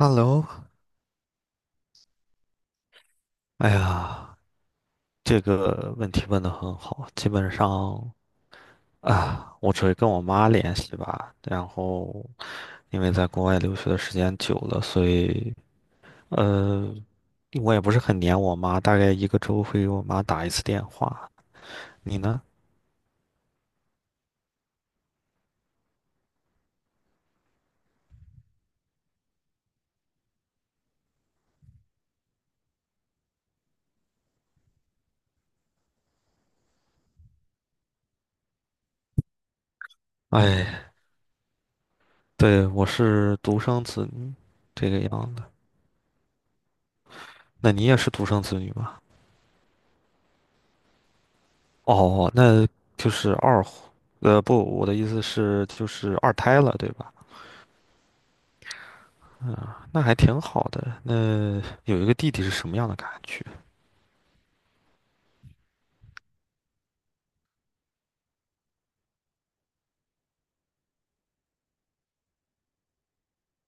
Hello，哎呀，这个问题问得很好。基本上我只会跟我妈联系吧。然后，因为在国外留学的时间久了，所以呃，我也不是很黏我妈，大概一个周会给我妈打一次电话。你呢？哎，对，我是独生子女，这个样子。那你也是独生子女吗？哦，那就是二婚，呃，不，我的意思是就是二胎了，对吧？啊，那还挺好的。那有一个弟弟是什么样的感觉？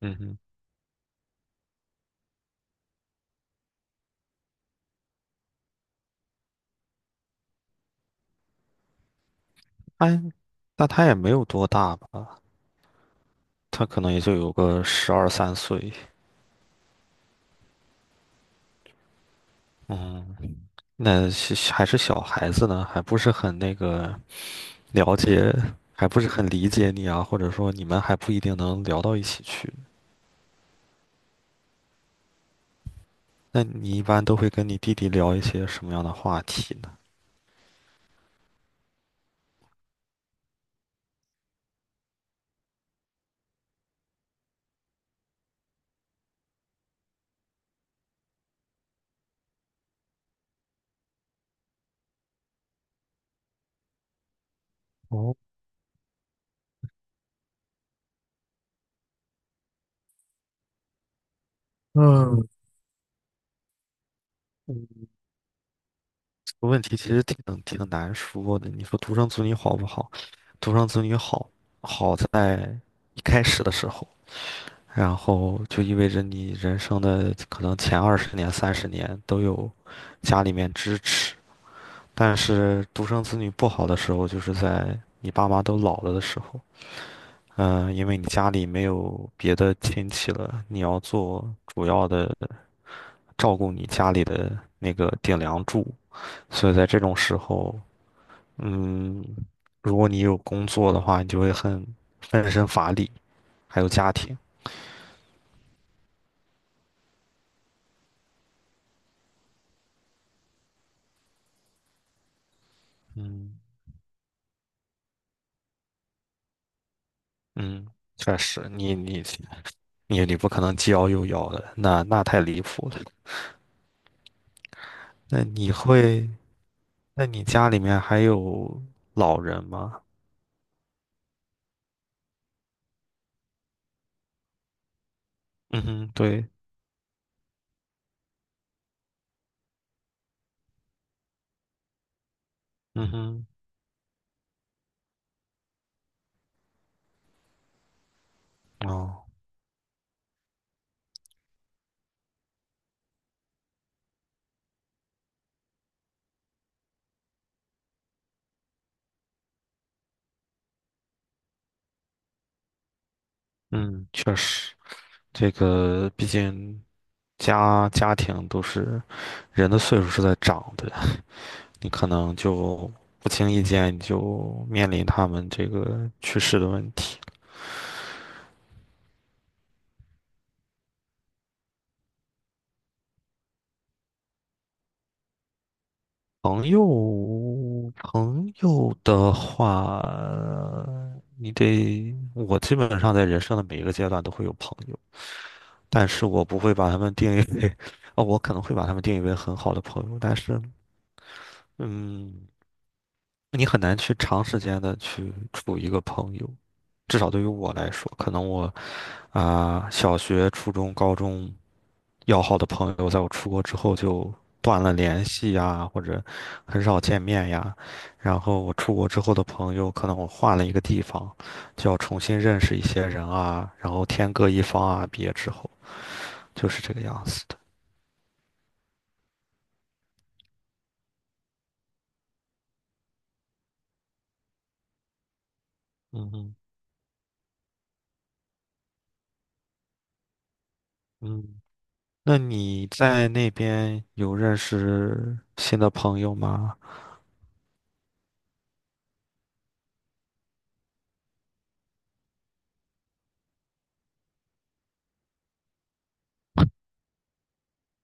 嗯哼，哎，那他也没有多大吧？他可能也就有个12、13岁。嗯，那是还是小孩子呢，还不是很那个了解，还不是很理解你啊，或者说你们还不一定能聊到一起去。那你一般都会跟你弟弟聊一些什么样的话题呢？哦，嗯。个问题其实挺难说的。你说独生子女好不好？独生子女好，好在一开始的时候，然后就意味着你人生的可能前20年、30年都有家里面支持。但是独生子女不好的时候，就是在你爸妈都老了的时候，嗯、因为你家里没有别的亲戚了，你要做主要的照顾你家里的那个顶梁柱，所以在这种时候。嗯，如果你有工作的话，你就会很分身乏力，还有家庭。嗯，嗯，确实，你不可能既要又要的，那太离谱了。那你会，那你家里面还有老人吗？嗯哼，对，嗯哼，哦，嗯，确实，这个毕竟家庭都是人的岁数是在长的，你可能就不经意间你就面临他们这个去世的问题。朋友，朋友的话，你得，我基本上在人生的每一个阶段都会有朋友，但是我不会把他们定义为，哦，我可能会把他们定义为很好的朋友，但是，嗯。你很难去长时间的去处一个朋友，至少对于我来说，可能我小学、初中、高中要好的朋友，在我出国之后就断了联系呀，或者很少见面呀。然后我出国之后的朋友，可能我换了一个地方，就要重新认识一些人啊，然后天各一方啊。毕业之后就是这个样子的。嗯嗯嗯，那你在那边有认识新的朋友吗？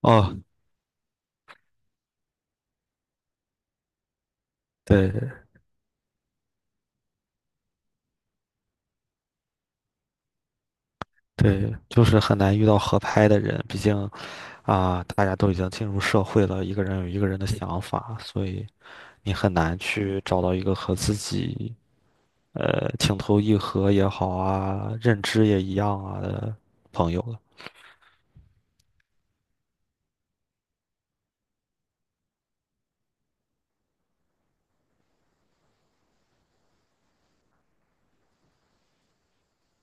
哦，对对，就是很难遇到合拍的人，毕竟啊，大家都已经进入社会了，一个人有一个人的想法，所以你很难去找到一个和自己情投意合也好啊，认知也一样啊的朋友了。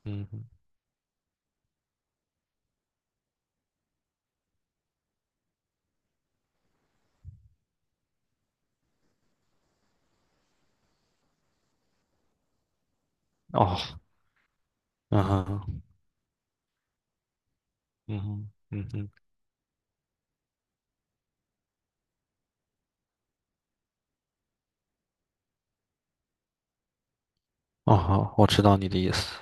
嗯，哦，嗯哼，嗯哼，嗯哼，哦，好，我知道你的意思。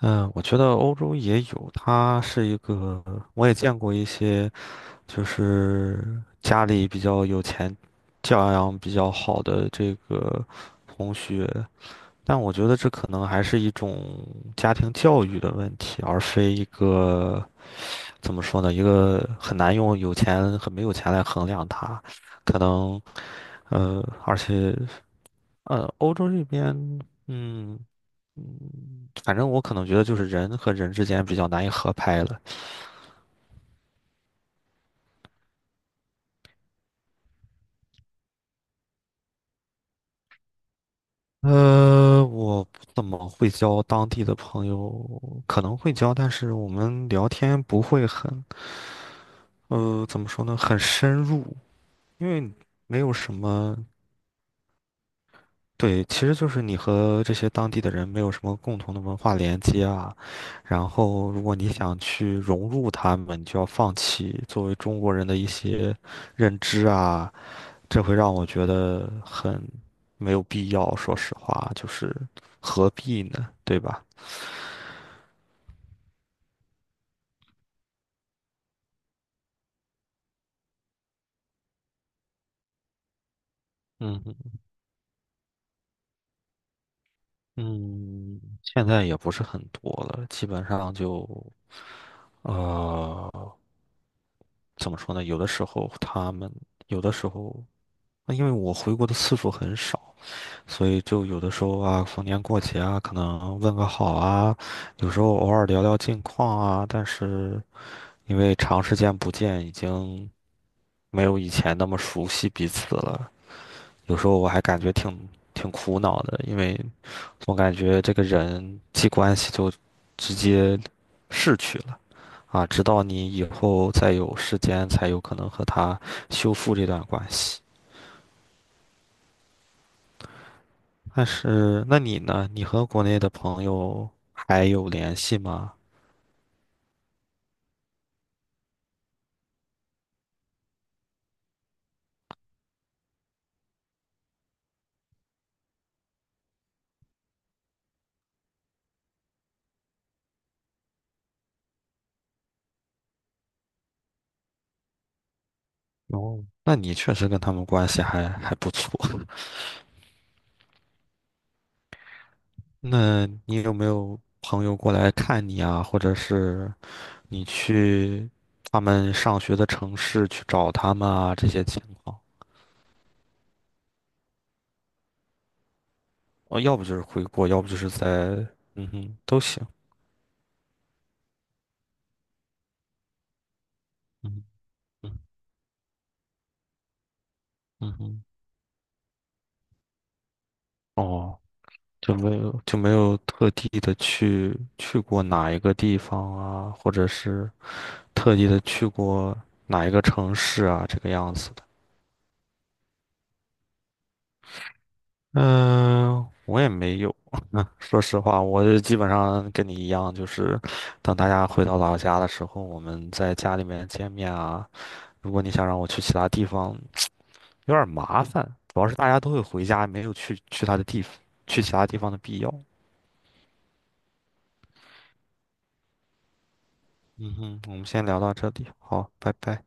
嗯，我觉得欧洲也有，它是一个，我也见过一些就是家里比较有钱，教养比较好的这个同学，但我觉得这可能还是一种家庭教育的问题，而非一个怎么说呢，一个很难用有钱和没有钱来衡量它，可能而且欧洲这边，嗯反正我可能觉得就是人和人之间比较难以合拍了。我不怎么会交当地的朋友，可能会交，但是我们聊天不会很，怎么说呢，很深入，因为没有什么，对，其实就是你和这些当地的人没有什么共同的文化连接啊。然后，如果你想去融入他们，你就要放弃作为中国人的一些认知啊，这会让我觉得很没有必要，说实话，就是何必呢，对吧？嗯嗯，现在也不是很多了，基本上就，呃，怎么说呢？有的时候他们，有的时候，那因为我回国的次数很少，所以就有的时候啊，逢年过节啊，可能问个好啊，有时候偶尔聊聊近况啊，但是因为长时间不见，已经没有以前那么熟悉彼此了。有时候我还感觉挺苦恼的，因为总感觉这个人际关系就直接逝去了啊，直到你以后再有时间，才有可能和他修复这段关系。但是，那你呢？你和国内的朋友还有联系吗？哦，那你确实跟他们关系还不错。那你有没有朋友过来看你啊？或者是你去他们上学的城市去找他们啊？这些情况。哦，要不就是回国，要不就是在，嗯哼，都行，嗯嗯嗯哼，哦，就没有特地的去过哪一个地方啊，或者是特地的去过哪一个城市啊，这个样子的。嗯，我也没有。说实话，我就基本上跟你一样，就是等大家回到老家的时候，我们在家里面见面啊。如果你想让我去其他地方，有点麻烦，主要是大家都会回家，没有去他的地方，去其他地方的必要。嗯哼，我们先聊到这里，好，拜拜。